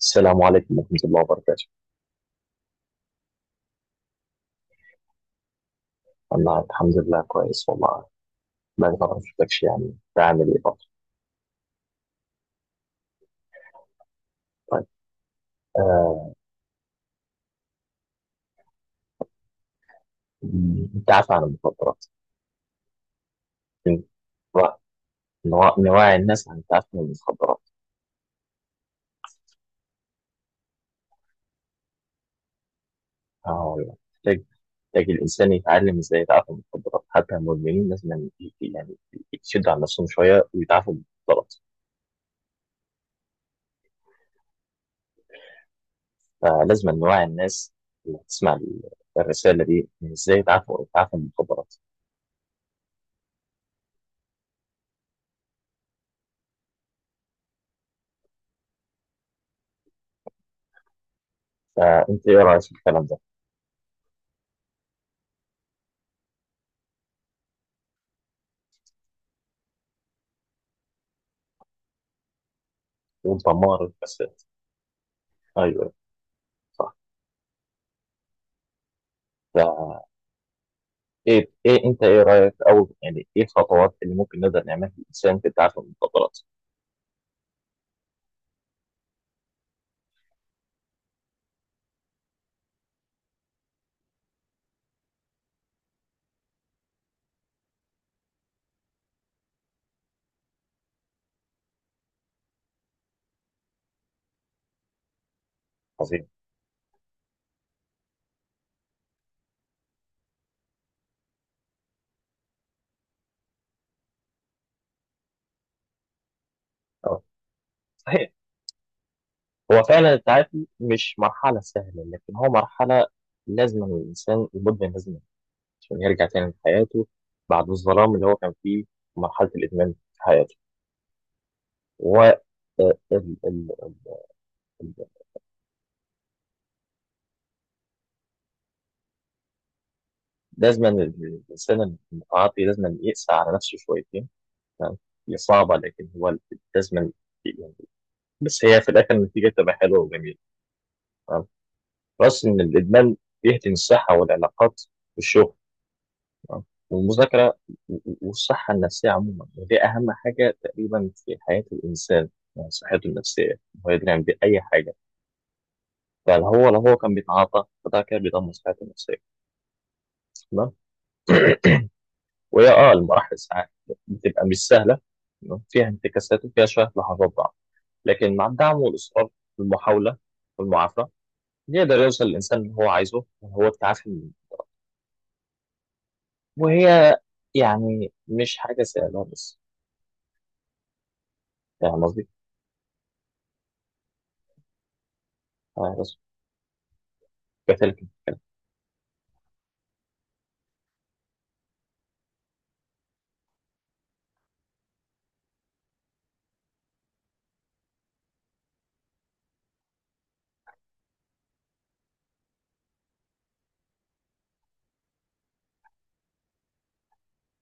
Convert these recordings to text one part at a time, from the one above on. السلام عليكم ورحمة الله وبركاته. أنا الحمد لله كويس والله. بقالي فترة ما شفتكش، يعني بعمل إيه فترة؟ طيب. آه التعافي عن المخدرات. م- نوع- نوعي الناس عن التعافي من المخدرات. آه والله محتاج الإنسان يتعلم إزاي يتعافى من المخدرات، حتى المدمنين لازم يعني يعني يشدوا عن نفسهم شوية ويتعافوا من المخدرات. فلازم نوعي الناس اللي تسمع الرسالة دي إزاي يتعافوا من المخدرات. فأنت إيه رأيك في الكلام ده؟ وأنت مارد بس. ايوه، صح. ف ايه انت ايه رايك، او يعني ايه الخطوات اللي ممكن نقدر نعملها للانسان في التعافي من المخدرات؟ عظيم. اه، صحيح. هو فعلا التعافي مش مرحله سهله، لكن هو مرحله لازم الانسان المدمن لازم، عشان يرجع تاني لحياته بعد الظلام اللي هو كان فيه في مرحله الادمان في حياته. و ال- ال- ال- ال- لازم الانسان المتعاطي لازم يقسى على نفسه شويتين. تمام؟ هي صعبه لكن هو لازم، بس هي في الاخر النتيجه تبقى حلوه وجميله. تمام. بس ان الادمان بيهدم الصحه والعلاقات والشغل، تمام، والمذاكره والصحه النفسيه عموما، ودي اهم حاجه تقريبا في حياه الانسان، يعني صحته النفسيه، هو يدري باي حاجه. فهو لو هو كان بيتعاطى فده كده بيدمر صحته النفسيه. تمام. وهي اه المراحل ساعات بتبقى مش سهله، تمام؟ فيها انتكاسات وفيها شويه لحظات ضعف، لكن مع الدعم والاصرار والمحاوله والمعافاه يقدر يوصل الإنسان اللي هو عايزه، وهو التعافي. وهي يعني مش حاجة سهلة بس. فاهم قصدي؟ آه، بس كتلك كانت.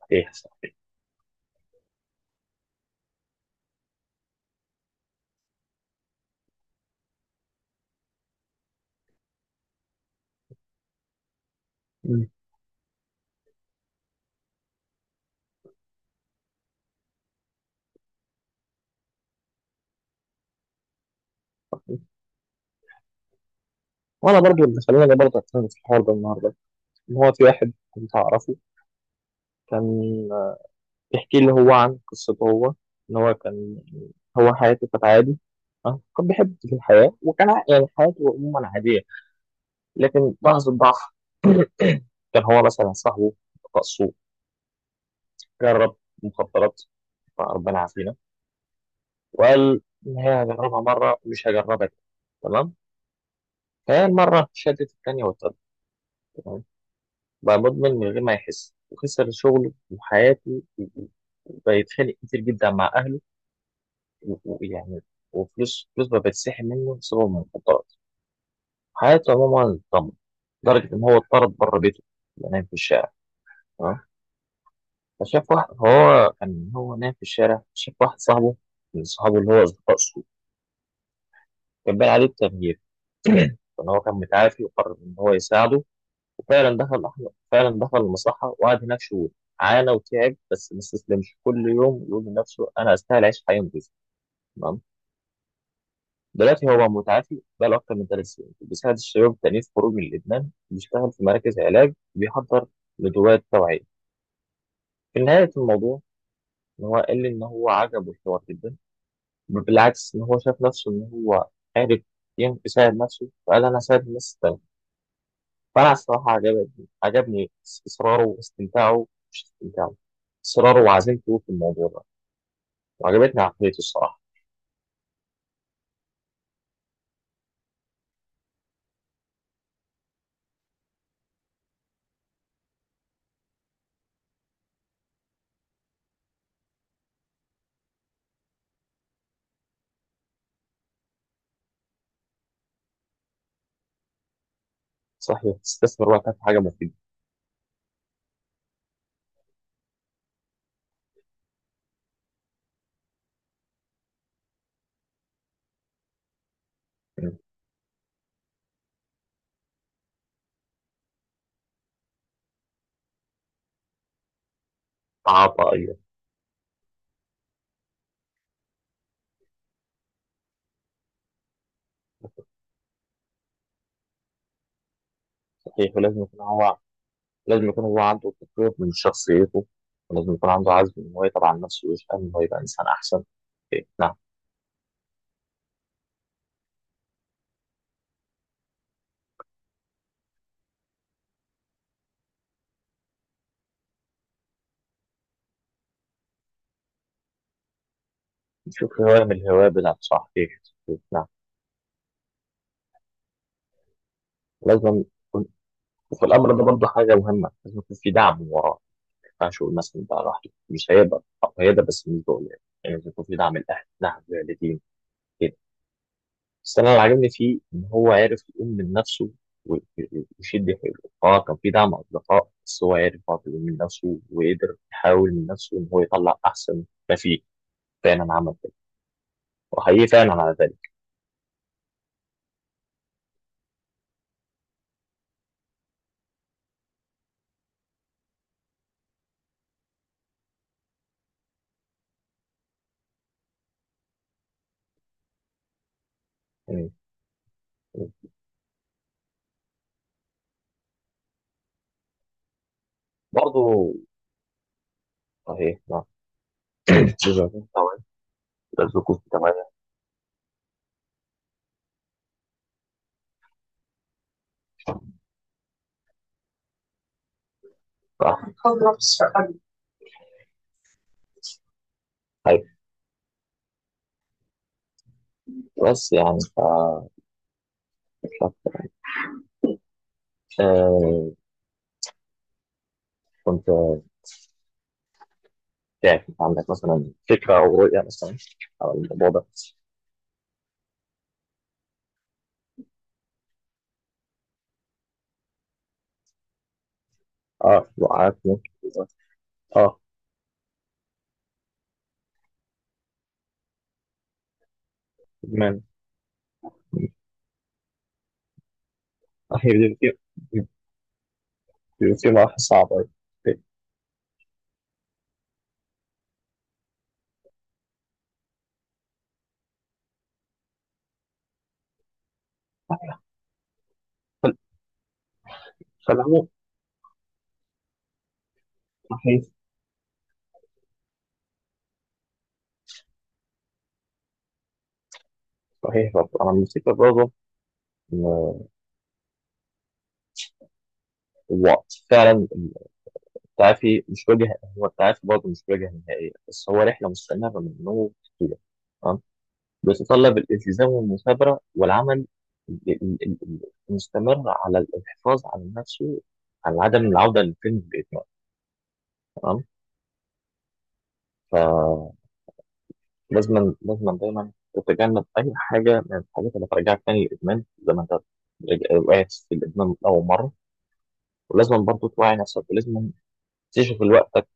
صحيح، صح. مم. وأنا برضو اللي خلاني برضه أتكلم في الحوار ده النهاردة، إن هو في واحد كنت أعرفه كان بيحكي لي هو عن قصته هو، إن هو كان، هو حياته كانت عادي. آه، كان بيحب في الحياة، وكان يعني حياته عموما عادية. لكن لحظة ضعف كان هو مثلا صاحبه رقصه، جرب مخدرات، فربنا يعافينا. وقال إن هي هجربها مرة ومش هجربها تاني. تمام. فهي المرة شدت التانية والتالتة. تمام. بقى مدمن من غير ما يحس، وخسر شغله وحياته وبيتخانق كتير جدا مع أهله، و- ويعني وفلوس فلوس بقى بتسحب منه بسبب المخدرات. حياته عموما اتدمرت لدرجة إن هو اتطرد بره بيته، ينام في الشارع. تمام. فشاف واحد، هو كان هو نايم في الشارع، شاف واحد صاحبه من صحابه اللي هو أصدقاء سوء، كان باين عليه التغيير، فإن هو كان متعافي وقرر إن هو يساعده. وفعلا دخل أحمد فعلا دخل المصلحة، وقعد هناك شهور، عانى وتعب بس ما استسلمش، كل يوم يقول لنفسه أنا أستاهل أعيش حياة نضيفة. تمام. دلوقتي هو متعافي بقاله أكتر من 3 سنين، بيساعد الشباب التانيين في خروج من الإدمان، بيشتغل في مراكز علاج، بيحضر ندوات توعية. في نهاية الموضوع إن هو قال لي إن هو عجبه الحوار جدا، بالعكس إن هو شاف نفسه إن هو عارف يساعد نفسه، فقال أنا هساعد الناس التانية. فانا الصراحه عجبني، عجبني اصراره واستمتاعه، مش استمتاعه، اصراره وعزيمته في الموضوع ده. وعجبتني عقليته الصراحه. صحيح، تستثمر وقتها في حاجه مفيده. يعني عطائية. صحيح، ولازم يكون هو، لازم يكون هو عنده تطوير من شخصيته، ولازم يكون عنده عزم ان هو يتعب على نفسه ويشتغل ان هو يبقى انسان احسن. إيه، نعم. نشوف هواية من الهواية بتاعته. صحيح. إيه، نعم. لازم. وفي الامر ده برضه حاجه مهمه، لازم يكون في دعم وراه. ما ينفعش يقول مثلا ده لوحده مش هيقدر او هيقدر، بس مش بقول يعني، يعني لازم يكون في دعم الاهل، دعم الوالدين، كده. بس انا اللي عاجبني فيه ان هو عارف يقوم من نفسه و- و- ويشد حيله. اه كان في دعم اصدقاء، بس هو عارف برضه يقوم من نفسه وقدر يحاول من نفسه ان هو يطلع احسن. ما فيه، فعلا عمل كده وحقيقي فعلا على ذلك. يعني برضه، صحيح، نعم. لازم يكون في توعية. لازم يكون في توعية. صح. بس يعني ف... آه، كنت تعرف عندك مثلا فكرة أو رؤية مثلا على الموضوع ده. اه، وقعت ممكن. اه، إدمان. هي بتبقى مرحلة صعبة. ف- فالعموم، صحيح. صحيح برضه. أنا الفكرة برضه إن الوقت فعلا، التعافي مش وجه، هو التعافي برضه مش وجه نهائية، بس هو رحلة مستمرة من النوم كده، بيتطلب الالتزام والمثابرة والعمل ال- ال- ال- ال- المستمر على الحفاظ على نفسه، على عدم العودة للفيلم بإدمان. تمام. فلازم، لازم دايما تتجنب أي حاجة من الحاجات اللي هترجعك تاني للإدمان، زي ما أنت وقعت في الإدمان من أول مرة. ولازم برضه توعي نفسك، ولازم تشغل وقتك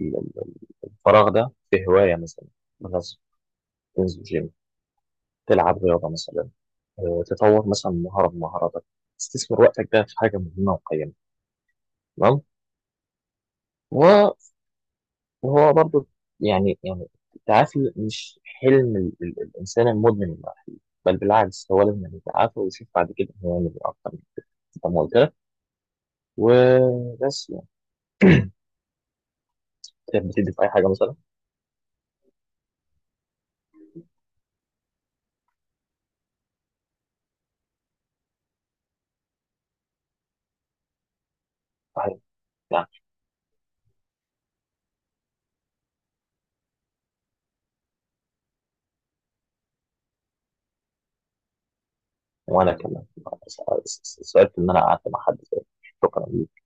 ال- ال- الفراغ ده في هواية مثلا. مثلا تنزل جيم، تلعب رياضة مثلا، آه، تطور مثلا مهارة من مهاراتك، تستثمر وقتك ده في حاجة مهمة وقيمة. تمام. وهو برضو يعني، التعافي مش حلم الإنسان المدمن الوحيد، بل بالعكس هو لازم يعني يتعافى ويشوف بعد كده هو يعمل إيه أكتر من كده. زي ما قلت لك. وبس يعني كانت بتدي في أي حاجة مثلا. صحيح، يعني. وأنا كمان سألت إن أنا قعدت مع حد زي، شكرا ليك.